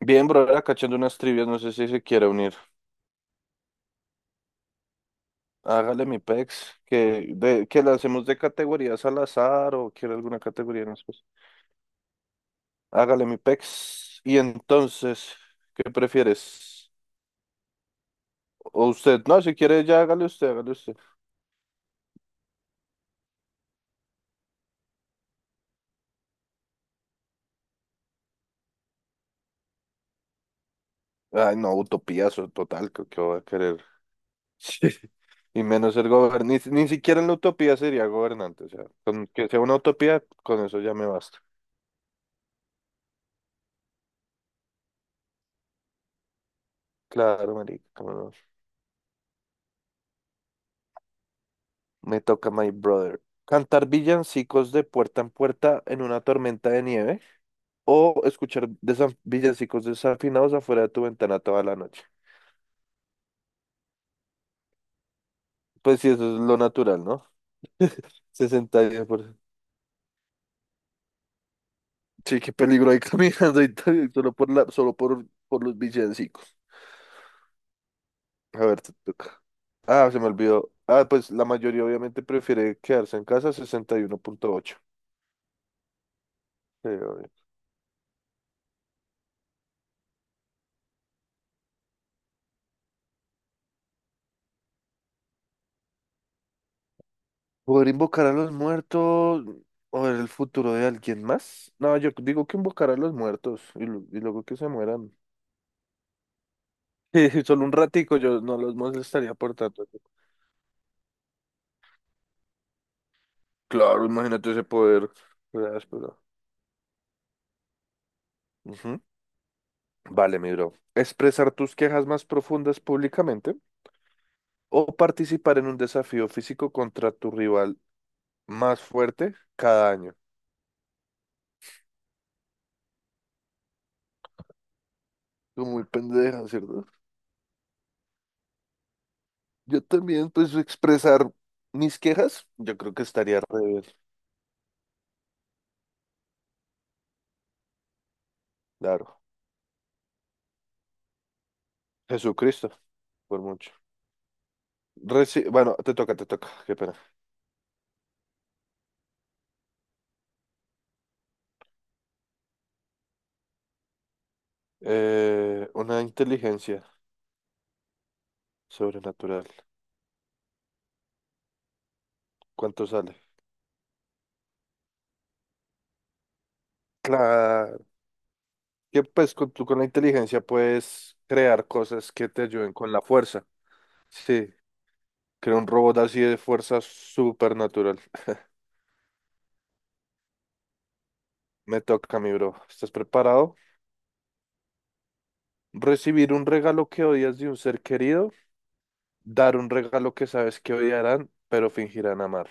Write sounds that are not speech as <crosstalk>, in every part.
Bien, bro, era cachando unas trivias, no sé si se quiere unir. Hágale mi pex, que la hacemos de categorías al azar o quiere alguna categoría en especial. Hágale mi pex. Y entonces, ¿qué prefieres? O usted, no, si quiere ya hágale usted, hágale usted. Ay, no, utopiazo total, que va a querer. <laughs> Sí. Y menos ser gobernante, ni siquiera en la utopía sería gobernante, o sea, con que sea una utopía, con eso ya me basta. Claro, marica, cómo no. Me toca, my brother. Cantar villancicos de puerta en puerta en una tormenta de nieve o escuchar villancicos desafinados afuera de tu ventana toda la noche. Pues sí, eso es lo natural, ¿no? Sesenta y diez por… Sí, qué peligro ahí <laughs> caminando y tal, solo por la, solo por los villancicos. A ver, te toca. Ah, se me olvidó. Ah, pues la mayoría obviamente prefiere quedarse en casa, 61.8. Sí, obvio. ¿Poder invocar a los muertos o ver el futuro de alguien más? No, yo digo que invocar a los muertos y luego que se mueran. <laughs> Solo un ratico, yo no los molestaría por tanto. Claro, imagínate ese poder. Gracias, pero… Ujú. Vale, mi bro. Expresar tus quejas más profundas públicamente o participar en un desafío físico contra tu rival más fuerte cada año. Tú muy pendeja, ¿cierto? Yo también, pues, expresar mis quejas, yo creo que estaría re bien, claro. Jesucristo, por mucho. Reci- bueno, te toca, qué pena. Una inteligencia sobrenatural. ¿Cuánto sale? Claro, que pues con, tú con la inteligencia puedes crear cosas que te ayuden con la fuerza. Sí, creo un robot así de fuerza supernatural. <laughs> Me toca, mi bro. ¿Estás preparado? Recibir un regalo que odias de un ser querido, dar un regalo que sabes que odiarán, pero fingirán amar.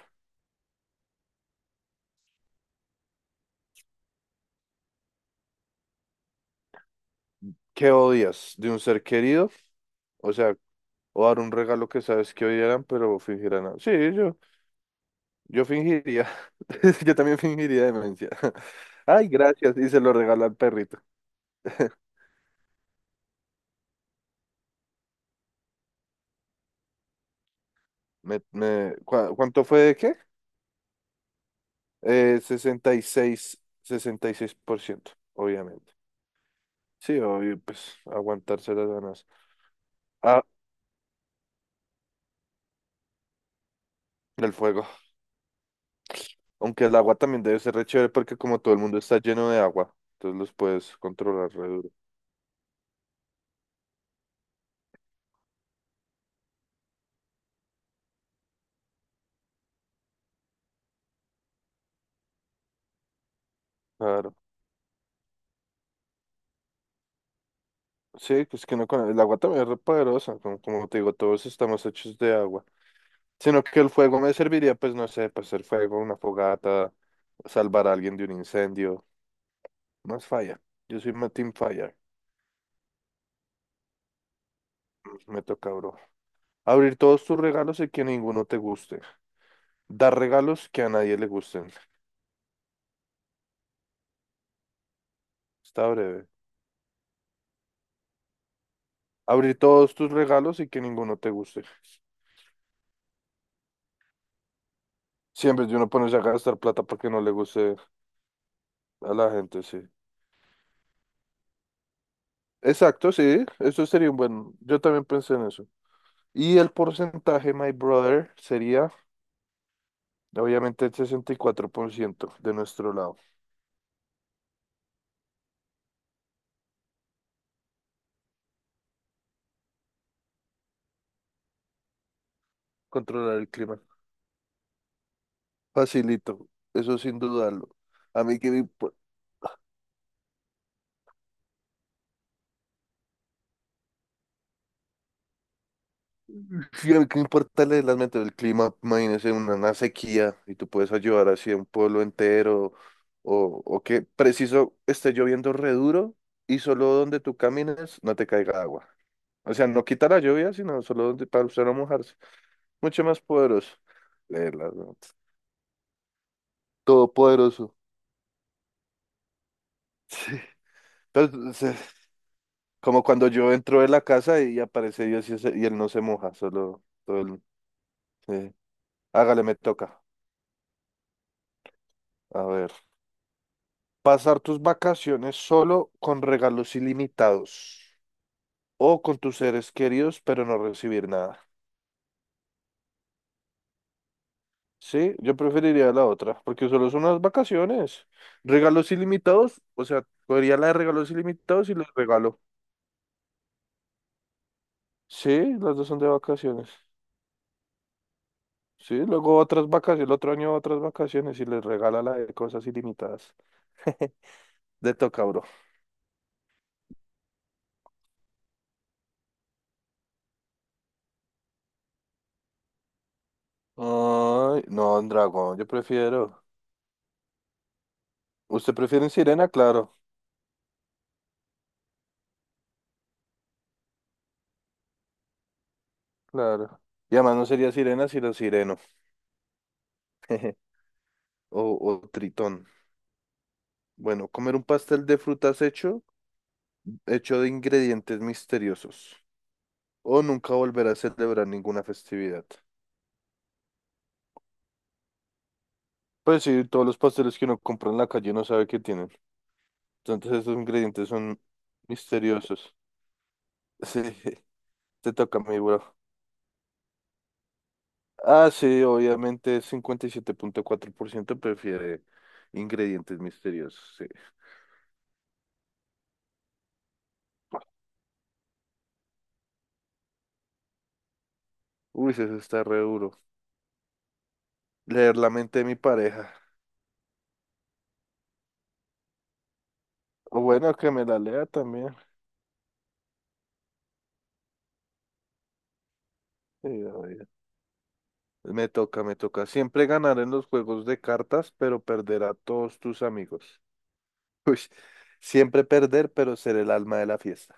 ¿Qué odias de un ser querido? O sea, o dar un regalo que sabes que odiarán, pero fingirán. A- sí, yo fingiría. <laughs> Yo también fingiría demencia. <laughs> Ay, gracias. Y se lo regalo al perrito. <laughs> ¿Cuánto fue de qué? 66% obviamente. Sí, obvio, pues aguantarse las ganas. Ah, el fuego. Aunque el agua también debe ser re chévere porque como todo el mundo está lleno de agua, entonces los puedes controlar re duro. Claro. Sí, que es que no, con el agua también es re poderosa, como te digo, todos estamos hechos de agua. Sino que el fuego me serviría, pues no sé, para hacer fuego, una fogata, salvar a alguien de un incendio. Más falla. Yo soy Team Fire. Me toca, bro. Abrir todos tus regalos y que ninguno te guste. Dar regalos que a nadie le gusten. Está breve. Abrir todos tus regalos y que ninguno te guste. Siempre de uno ponerse a gastar plata porque no le guste a la gente, sí. Exacto, sí. Eso sería un buen. Yo también pensé en eso. Y el porcentaje, my brother, sería obviamente el 64% de nuestro lado. Controlar el clima. Facilito, eso sin dudarlo. A mí que me, impo- sí, a mí que me importa el del clima, imagínese una sequía y tú puedes ayudar así a un pueblo entero o que preciso esté lloviendo re duro y solo donde tú camines no te caiga agua. O sea, no quita la lluvia, sino solo donde para usted no mojarse. Mucho más poderoso. Leerla, ¿no? Todopoderoso. Sí. Pero como cuando yo entro de la casa y aparece Dios y él no se moja, solo todo el… Sí. Hágale, me toca. A ver. Pasar tus vacaciones solo con regalos ilimitados o con tus seres queridos, pero no recibir nada. Sí, yo preferiría la otra, porque solo son unas vacaciones. Regalos ilimitados, o sea, cogería la de regalos ilimitados y los regalo. Sí, las dos son de vacaciones. Sí, luego otras vacaciones, el otro año otras vacaciones y les regala la de cosas ilimitadas. <laughs> De toca, bro. Ay, no, un dragón, yo prefiero. ¿Usted prefiere en sirena? Claro, claro. Y además no sería sirena, sino sireno. <laughs> O, o tritón. Bueno, comer un pastel de frutas hecho de ingredientes misteriosos. O nunca volver a celebrar ninguna festividad. Pues sí, todos los pasteles que uno compra en la calle no sabe qué tienen. Entonces esos ingredientes son misteriosos. <laughs> Sí. Te toca a mí, bro. Ah, sí, obviamente 57.4% prefiere ingredientes misteriosos. Sí. Uy, eso está re duro. Leer la mente de mi pareja. O bueno, que me la lea también. Sí, obvio. Me toca, me toca. Siempre ganar en los juegos de cartas, pero perder a todos tus amigos. <laughs> Uy, siempre perder, pero ser el alma de la fiesta.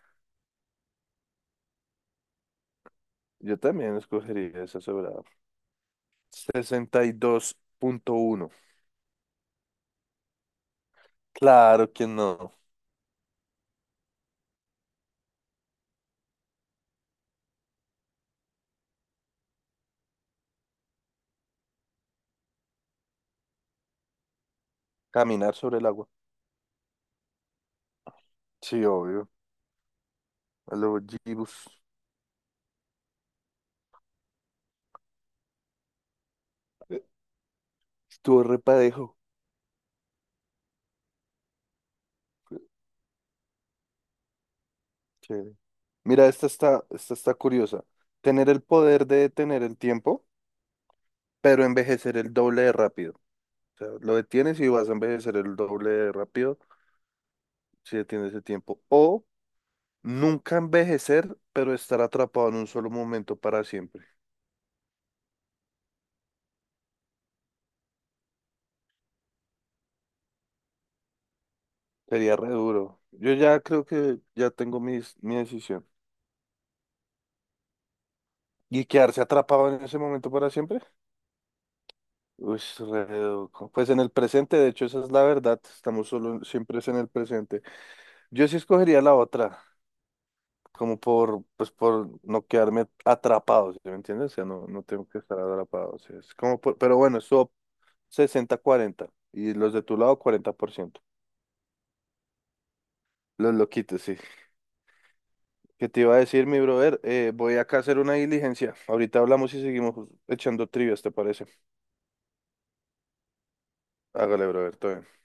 Yo también escogería esa sobrada. 62.1. Claro que no. Caminar sobre el agua. Sí, obvio. A lo Jibus. Estuvo repadejo. Chévere. Mira, esta está curiosa. Tener el poder de detener el tiempo, pero envejecer el doble de rápido. O sea, lo detienes y vas a envejecer el doble de rápido si detienes el tiempo. O nunca envejecer, pero estar atrapado en un solo momento para siempre. Sería re duro. Yo ya creo que ya tengo mi decisión. ¿Y quedarse atrapado en ese momento para siempre? Uy, pues en el presente, de hecho, esa es la verdad, estamos solo siempre es en el presente. Yo sí escogería la otra, como por, pues por no quedarme atrapado, ¿sí me entiendes? O sea, no, no tengo que estar atrapado, o sea, es como pero bueno, eso 60/40 y los de tu lado 40%. Los loquitos, sí. ¿Qué te iba a decir, mi brother? Voy acá a hacer una diligencia. Ahorita hablamos y seguimos echando trivias, ¿te parece? Hágale, brother, todo bien.